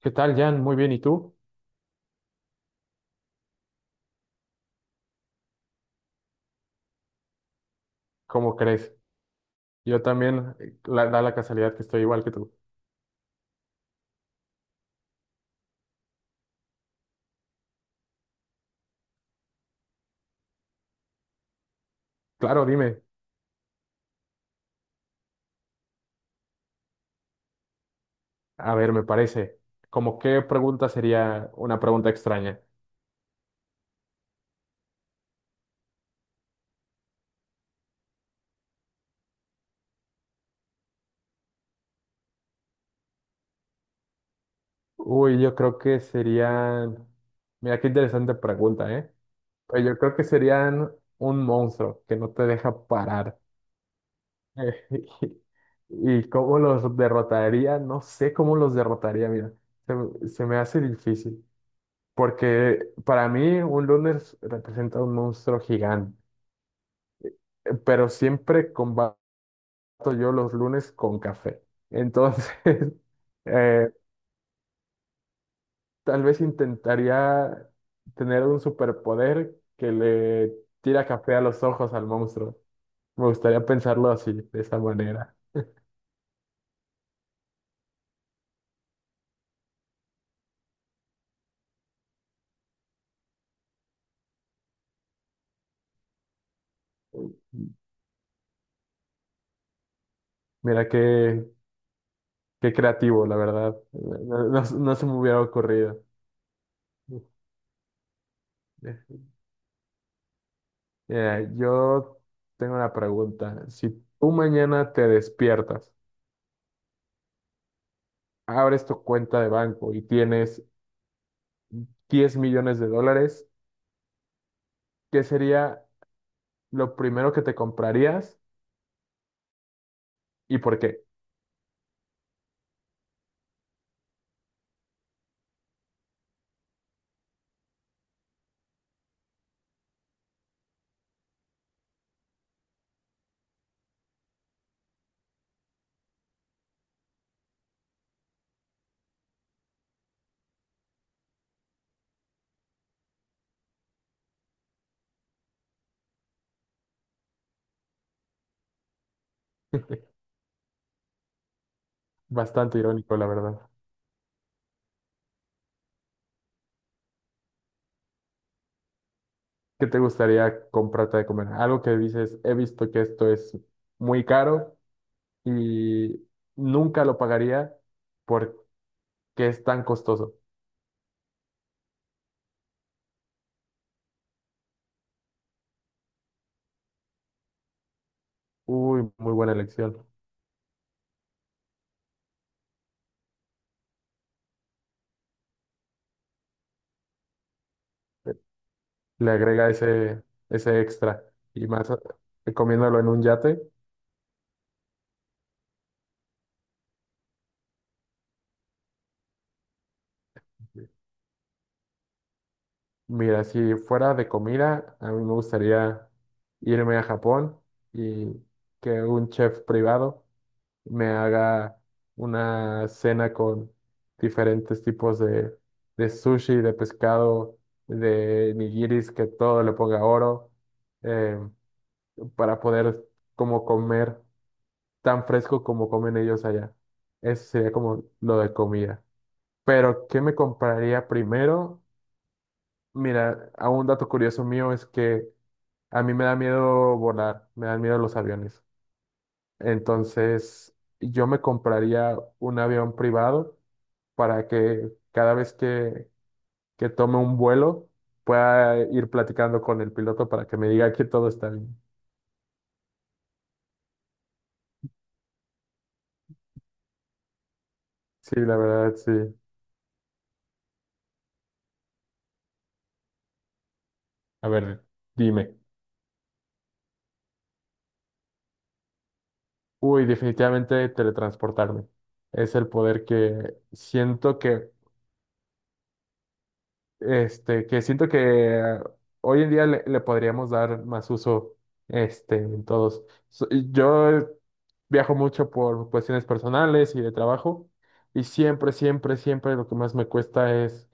¿Qué tal, Jan? Muy bien, ¿y tú? ¿Cómo crees? Yo también, da la casualidad que estoy igual que tú. Claro, dime. A ver, me parece. ¿Cómo qué pregunta sería una pregunta extraña? Uy, yo creo que serían... Mira, qué interesante pregunta, ¿eh? Pues yo creo que serían un monstruo que no te deja parar. ¿Y cómo los derrotaría? No sé cómo los derrotaría, mira. Se me hace difícil. Porque para mí un lunes representa un monstruo gigante, pero siempre combato yo los lunes con café. Entonces, eh, tal vez intentaría tener un superpoder que le tira café a los ojos al monstruo. Me gustaría pensarlo así, de esa manera. Mira qué creativo, la verdad. No se me hubiera ocurrido. Yo tengo una pregunta. Si tú mañana te despiertas, abres tu cuenta de banco y tienes 10 millones de dólares, ¿qué sería lo primero que te comprarías y por qué? Bastante irónico, la verdad. ¿Qué te gustaría comprarte de comer? Algo que dices, he visto que esto es muy caro y nunca lo pagaría porque es tan costoso. Uy, muy buena elección. Le agrega ese extra. Y más comiéndolo en un yate. Mira, si fuera de comida, a mí me gustaría irme a Japón y que un chef privado me haga una cena con diferentes tipos de sushi, de pescado, de nigiris, que todo le ponga oro, eh, para poder como comer tan fresco como comen ellos allá. Eso sería como lo de comida. Pero, ¿qué me compraría primero? Mira, a un dato curioso mío es que a mí me da miedo volar, me dan miedo los aviones. Entonces, yo me compraría un avión privado para que cada vez que tome un vuelo pueda ir platicando con el piloto para que me diga que todo está bien. Sí, la verdad, sí. A ver, dime. Uy, definitivamente teletransportarme. Es el poder que siento que siento que hoy en día le podríamos dar más uso, en todos. Yo viajo mucho por cuestiones personales y de trabajo, y siempre lo que más me cuesta es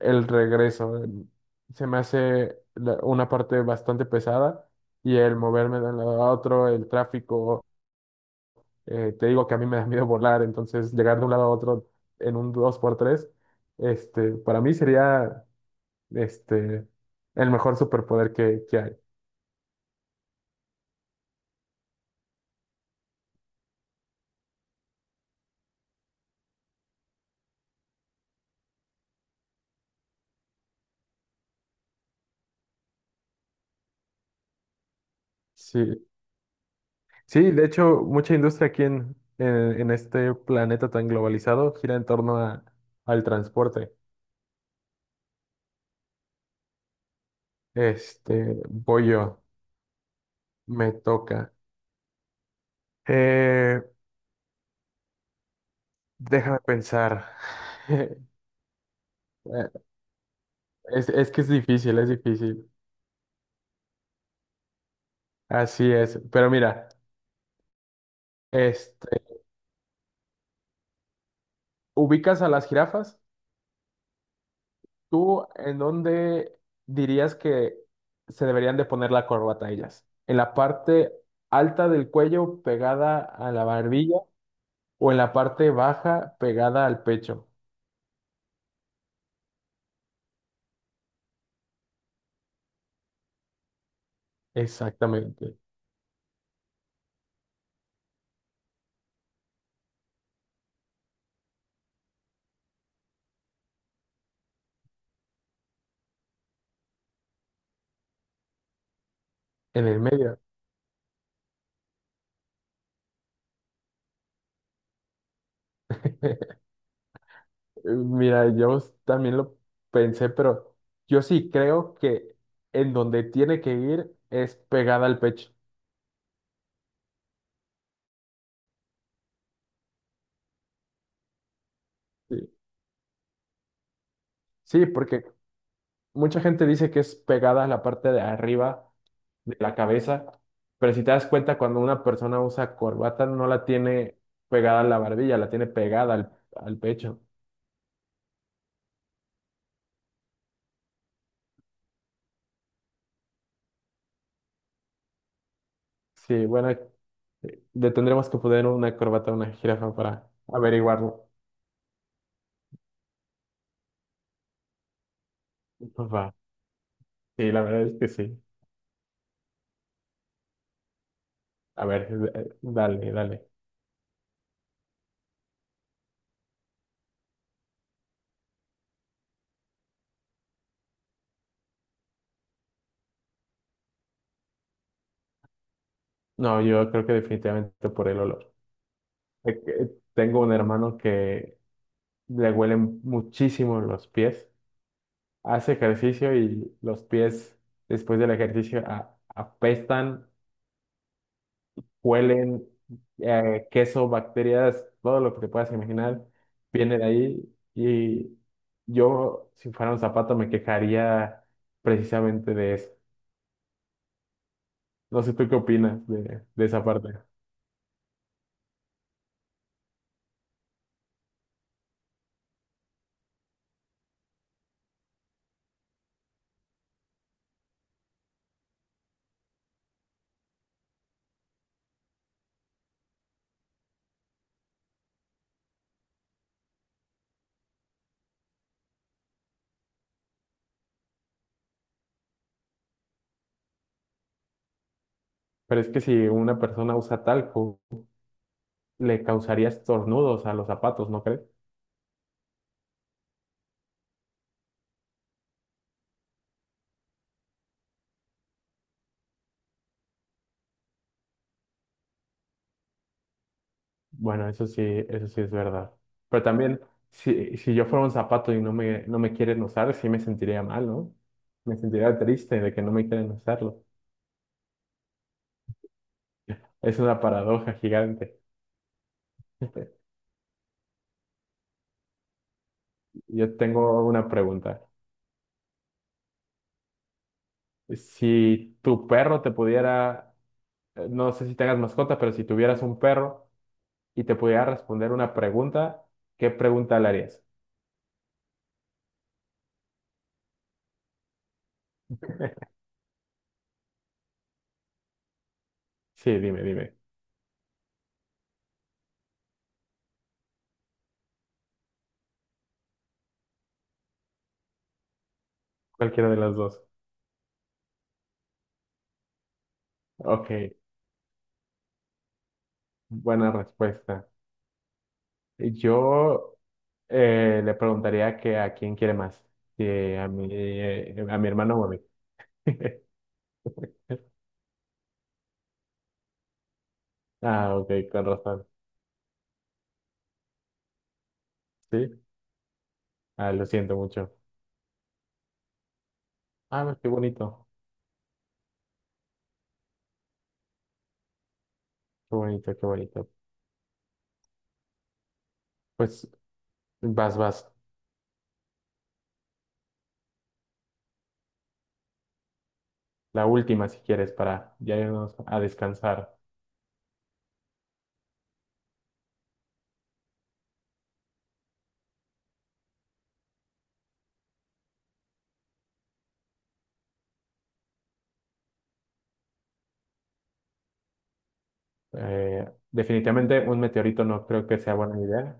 el regreso. Se me hace la- Una parte bastante pesada y el moverme de un lado a otro, el tráfico, te digo que a mí me da miedo volar, entonces llegar de un lado a otro en un dos por tres para mí sería este, el mejor superpoder que hay. Sí. Sí, de hecho, mucha industria aquí en este planeta tan globalizado gira en torno al transporte. Voy yo, me toca. Eh, déjame pensar. Eh, es que es difícil, es difícil. Así es. Pero mira, este, ¿ubicas a las jirafas? ¿Tú en dónde dirías que se deberían de poner la corbata ellas? ¿En la parte alta del cuello pegada a la barbilla o en la parte baja pegada al pecho? Exactamente, en el medio. Mira, yo también lo pensé, pero yo sí creo que en donde tiene que ir es pegada al pecho. Sí, sí, porque mucha gente dice que es pegada a la parte de arriba de la cabeza, pero si te das cuenta, cuando una persona usa corbata, no la tiene pegada a la barbilla, la tiene pegada al pecho. Sí, bueno, le tendremos que poner una corbata a una jirafa para averiguarlo. Va. Sí, la verdad es que sí. A ver, dale. No, yo creo que definitivamente por el olor. Que Tengo un hermano que le huelen muchísimo los pies. Hace ejercicio y los pies después del ejercicio apestan huelen, queso, bacterias, todo lo que te puedas imaginar viene de ahí. Y yo, si fuera un zapato, me quejaría precisamente de eso. No sé tú qué opinas de esa parte. Pero es que si una persona usa talco, le causaría estornudos a los zapatos, ¿no crees? Bueno, eso sí es verdad. Pero también, si yo fuera un zapato y no me quieren usar, sí me sentiría mal, ¿no? Me sentiría triste de que no me quieren usarlo. Es una paradoja gigante. Yo tengo una pregunta. Si tu perro te pudiera, no sé si tengas mascota, pero si tuvieras un perro y te pudiera responder una pregunta, ¿qué pregunta le harías? Sí, dime. Cualquiera de las dos. Ok, buena respuesta. Yo le preguntaría que a quién quiere más, si a a mi hermano o a mí. Ah, ok, con razón. Sí, ah, lo siento mucho. Ah, no, qué bonito. Qué bonito. Pues vas. La última, si quieres, para ya irnos a descansar. Definitivamente un meteorito no creo que sea buena idea,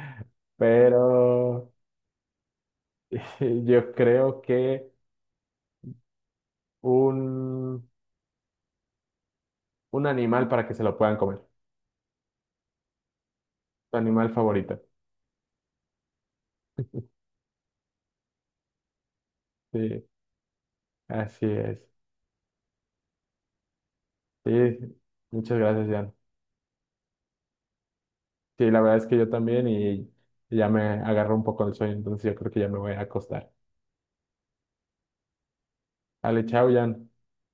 pero yo creo que un, un animal para que se lo puedan comer. Tu animal favorito. Sí, así es. Sí, muchas gracias, Jan. Sí, la verdad es que yo también y ya me agarró un poco el sueño, entonces yo creo que ya me voy a acostar. Dale, chao, Jan.